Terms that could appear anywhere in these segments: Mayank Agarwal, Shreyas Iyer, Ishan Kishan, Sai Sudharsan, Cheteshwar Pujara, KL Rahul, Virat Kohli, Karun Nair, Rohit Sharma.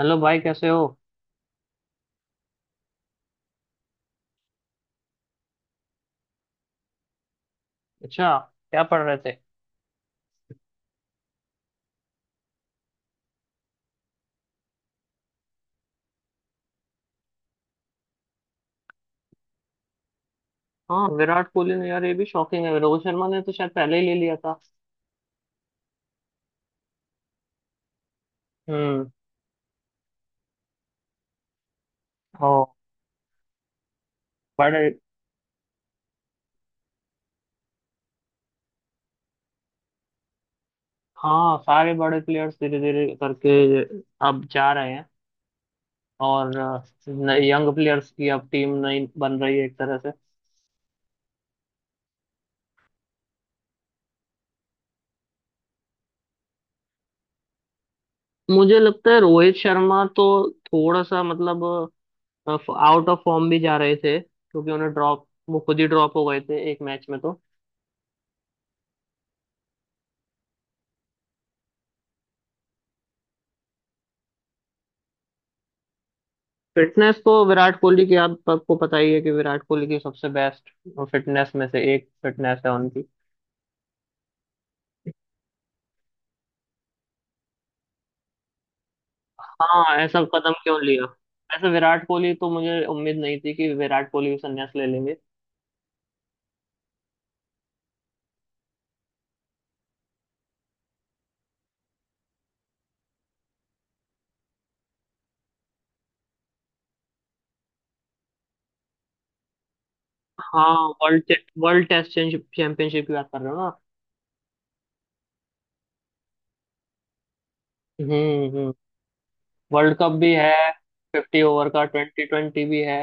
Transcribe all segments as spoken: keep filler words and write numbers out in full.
Hello भाई कैसे हो। अच्छा। क्या पढ़ रहे थे। हाँ विराट कोहली ने यार ये भी शॉकिंग है। रोहित शर्मा ने तो शायद पहले ही ले लिया था। हम्म। ओ। बड़े। हाँ सारे बड़े प्लेयर्स धीरे धीरे करके अब जा रहे हैं। और यंग प्लेयर्स की अब टीम नई बन रही है एक तरह से। मुझे लगता है रोहित शर्मा तो थोड़ा सा मतलब आउट ऑफ फॉर्म भी जा रहे थे क्योंकि उन्हें ड्रॉप वो खुद ही ड्रॉप हो गए थे एक मैच में तो। फिटनेस तो विराट कोहली की आप सबको पता ही है कि विराट कोहली की सबसे बेस्ट फिटनेस में से एक फिटनेस है उनकी। हाँ ऐसा कदम क्यों लिया। वैसे विराट कोहली तो मुझे उम्मीद नहीं थी कि विराट कोहली भी संन्यास ले लेंगे। हाँ। वर्ल्ड वर्ल्ड टेस्ट चैंपियनशिप की बात कर रहे हो ना। हम्म हम्म। वर्ल्ड कप भी है। फिफ्टी ओवर का ट्वेंटी ट्वेंटी भी है।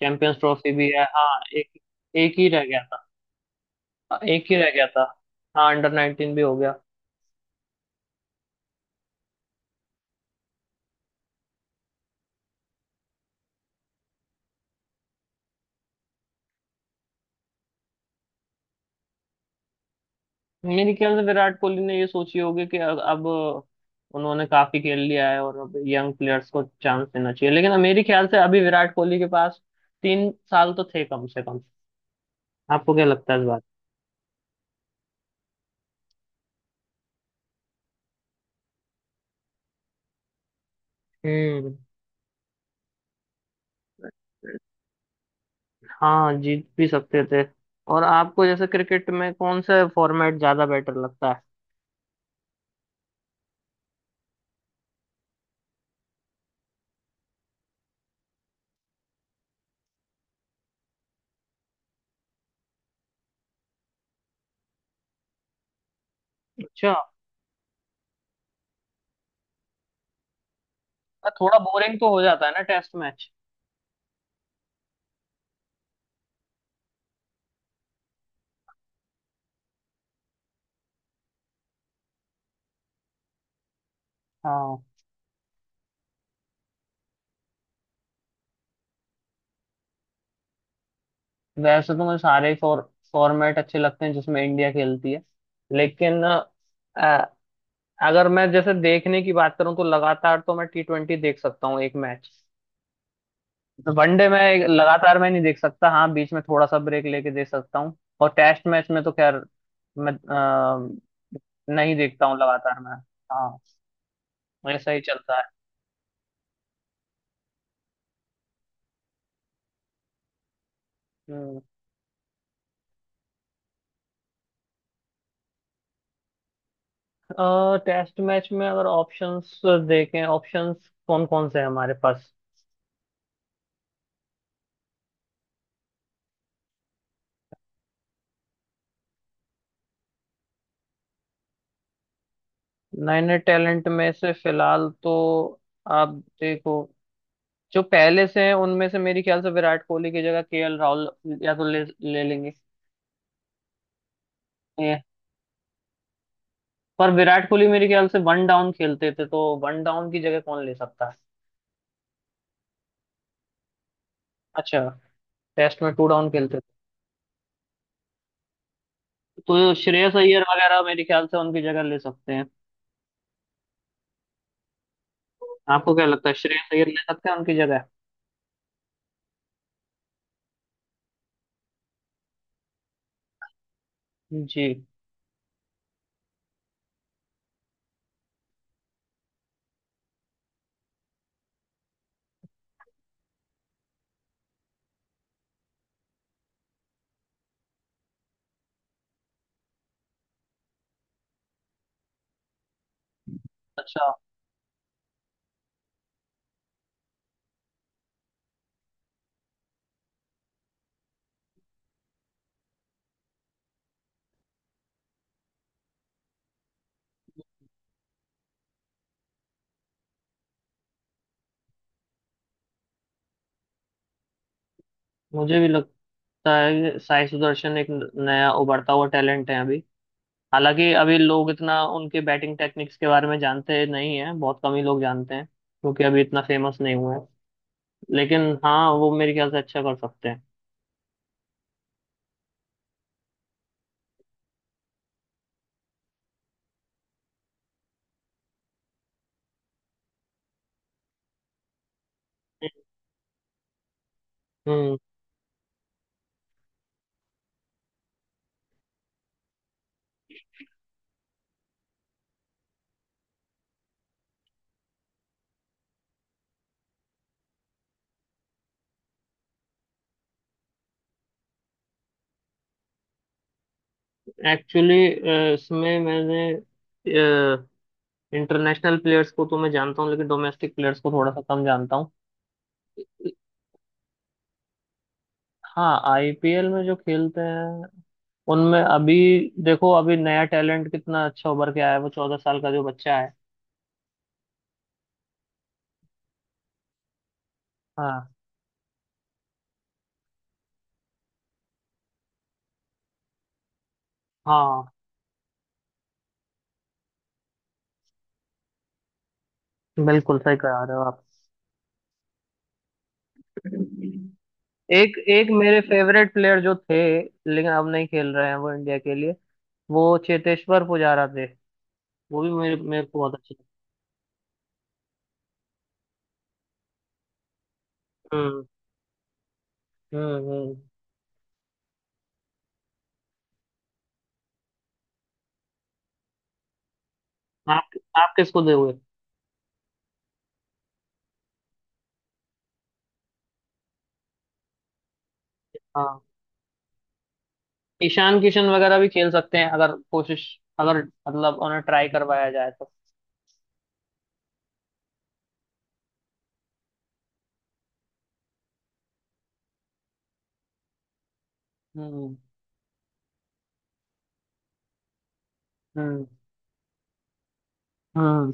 चैंपियंस ट्रॉफी भी है। हाँ एक एक ही रह गया था। हाँ, एक ही रह गया था। हाँ अंडर नाइनटीन भी हो गया। मेरे ख्याल से विराट कोहली ने ये सोची होगी कि अब अब उन्होंने काफी खेल लिया है और अब यंग प्लेयर्स को चांस देना चाहिए। लेकिन मेरे ख्याल से अभी विराट कोहली के पास तीन साल तो थे कम से कम। आपको क्या लगता है इस बात। हम्म। हाँ जीत भी सकते थे। और आपको जैसे क्रिकेट में कौन सा फॉर्मेट ज्यादा बेटर लगता है। अच्छा। पर थोड़ा बोरिंग तो हो जाता है ना टेस्ट मैच। हाँ। वैसे तो मुझे सारे फॉर फॉर्मेट अच्छे लगते हैं जिसमें इंडिया खेलती है। लेकिन अगर मैं जैसे देखने की बात करूं तो लगातार तो मैं टी ट्वेंटी देख सकता हूँ एक मैच। वनडे में एक- लगातार मैं नहीं देख सकता। हाँ बीच में थोड़ा सा ब्रेक लेके देख सकता हूँ। और टेस्ट मैच में तो खैर मैं अ, नहीं देखता हूँ लगातार मैं। हाँ ऐसा ही चलता है। हम्म। टेस्ट मैच में अगर ऑप्शंस देखें। ऑप्शंस कौन कौन से हैं हमारे पास। नए नए टैलेंट में से फिलहाल तो आप देखो। जो पहले से हैं उनमें से मेरे ख्याल से विराट कोहली की जगह के एल राहुल या तो ले ले लेंगे। ये पर विराट कोहली मेरे ख्याल से वन डाउन खेलते थे तो वन डाउन की जगह कौन ले सकता है। अच्छा। टेस्ट में टू डाउन खेलते थे। तो श्रेयस अय्यर वगैरह मेरे ख्याल से उनकी जगह ले सकते हैं। आपको क्या लगता है श्रेयस अय्यर ले सकते हैं उनकी जगह। जी। अच्छा। मुझे भी लगता है कि साई सुदर्शन एक नया उभरता हुआ टैलेंट है अभी। हालांकि अभी लोग इतना उनके बैटिंग टेक्निक्स के बारे में जानते नहीं हैं। बहुत कम ही लोग जानते हैं क्योंकि अभी इतना फेमस नहीं हुए हैं। लेकिन हाँ वो मेरे ख्याल से अच्छा कर सकते हैं। हम्म। एक्चुअली इसमें मैंने इंटरनेशनल प्लेयर्स को तो मैं जानता हूँ लेकिन डोमेस्टिक प्लेयर्स को थोड़ा सा कम जानता हूँ। हाँ आई पी एल में जो खेलते हैं उनमें अभी देखो। अभी नया टैलेंट कितना अच्छा उभर के आया है वो चौदह साल का जो बच्चा है। हाँ। हाँ बिल्कुल सही कह रहे हो। आप एक एक मेरे फेवरेट प्लेयर जो थे लेकिन अब नहीं खेल रहे हैं वो इंडिया के लिए वो चेतेश्वर पुजारा थे। वो भी मेरे मेरे को बहुत अच्छे लगते हैं। हम्म हम्म हम्म। आप आप किसको दोगे। हाँ ईशान किशन वगैरह भी खेल सकते हैं अगर कोशिश। अगर मतलब उन्हें ट्राई करवाया जाए तो। हम्म हम्म हम्म।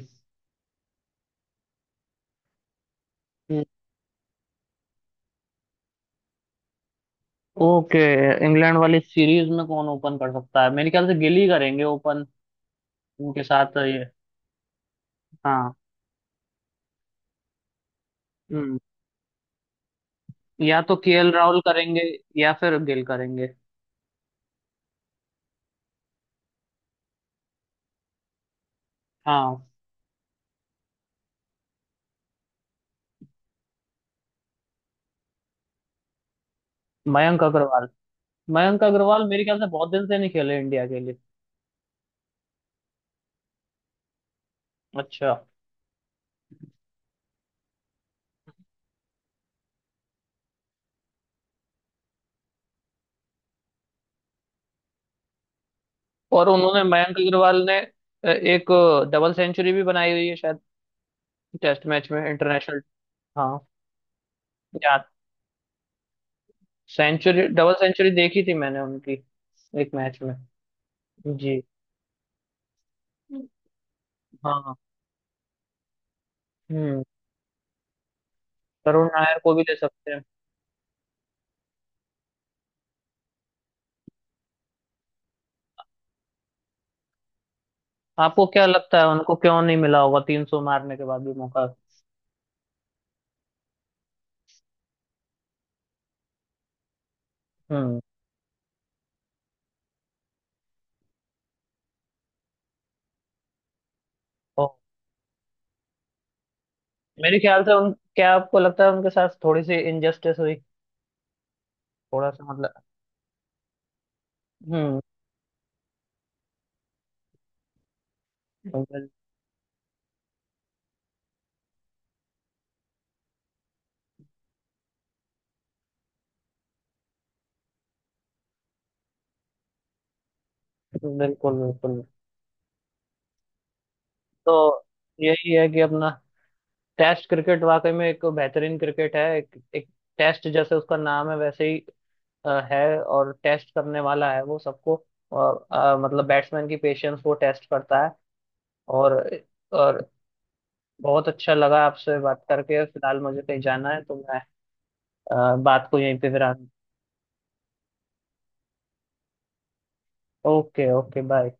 ओके। इंग्लैंड वाली सीरीज में कौन ओपन कर सकता है मेरे ख्याल से गिल ही करेंगे ओपन। उनके साथ ये। हाँ। हम्म। या तो के एल राहुल करेंगे या फिर गिल करेंगे। हाँ मयंक अग्रवाल। मयंक अग्रवाल मेरे ख्याल से बहुत दिन से नहीं खेले इंडिया के लिए। अच्छा। और उन्होंने मयंक अग्रवाल ने अ, एक डबल सेंचुरी भी बनाई हुई है शायद टेस्ट मैच में। इंटरनेशनल। हाँ। या सेंचुरी डबल सेंचुरी देखी थी मैंने उनकी एक मैच में। जी। हाँ। हम्म। करुण नायर को भी ले सकते हैं। आपको क्या लगता है उनको क्यों नहीं मिला होगा तीन सौ मारने के बाद भी मौका। हम्म। ओ, मेरे ख्याल से उन क्या आपको लगता है उनके साथ थोड़ी सी इनजस्टिस हुई। थोड़ा सा मतलब। हम्म। बिल्कुल बिल्कुल। बिल्कुल तो यही है कि अपना टेस्ट क्रिकेट वाकई में एक बेहतरीन क्रिकेट है। एक, एक टेस्ट जैसे उसका नाम है वैसे ही अ, है और टेस्ट करने वाला है वो सबको। और अ, मतलब बैट्समैन की पेशेंस वो टेस्ट करता है। और और बहुत अच्छा लगा आपसे बात करके। फिलहाल मुझे कहीं जाना है तो मैं अ, बात को यहीं पे विराम। Okay okay bye.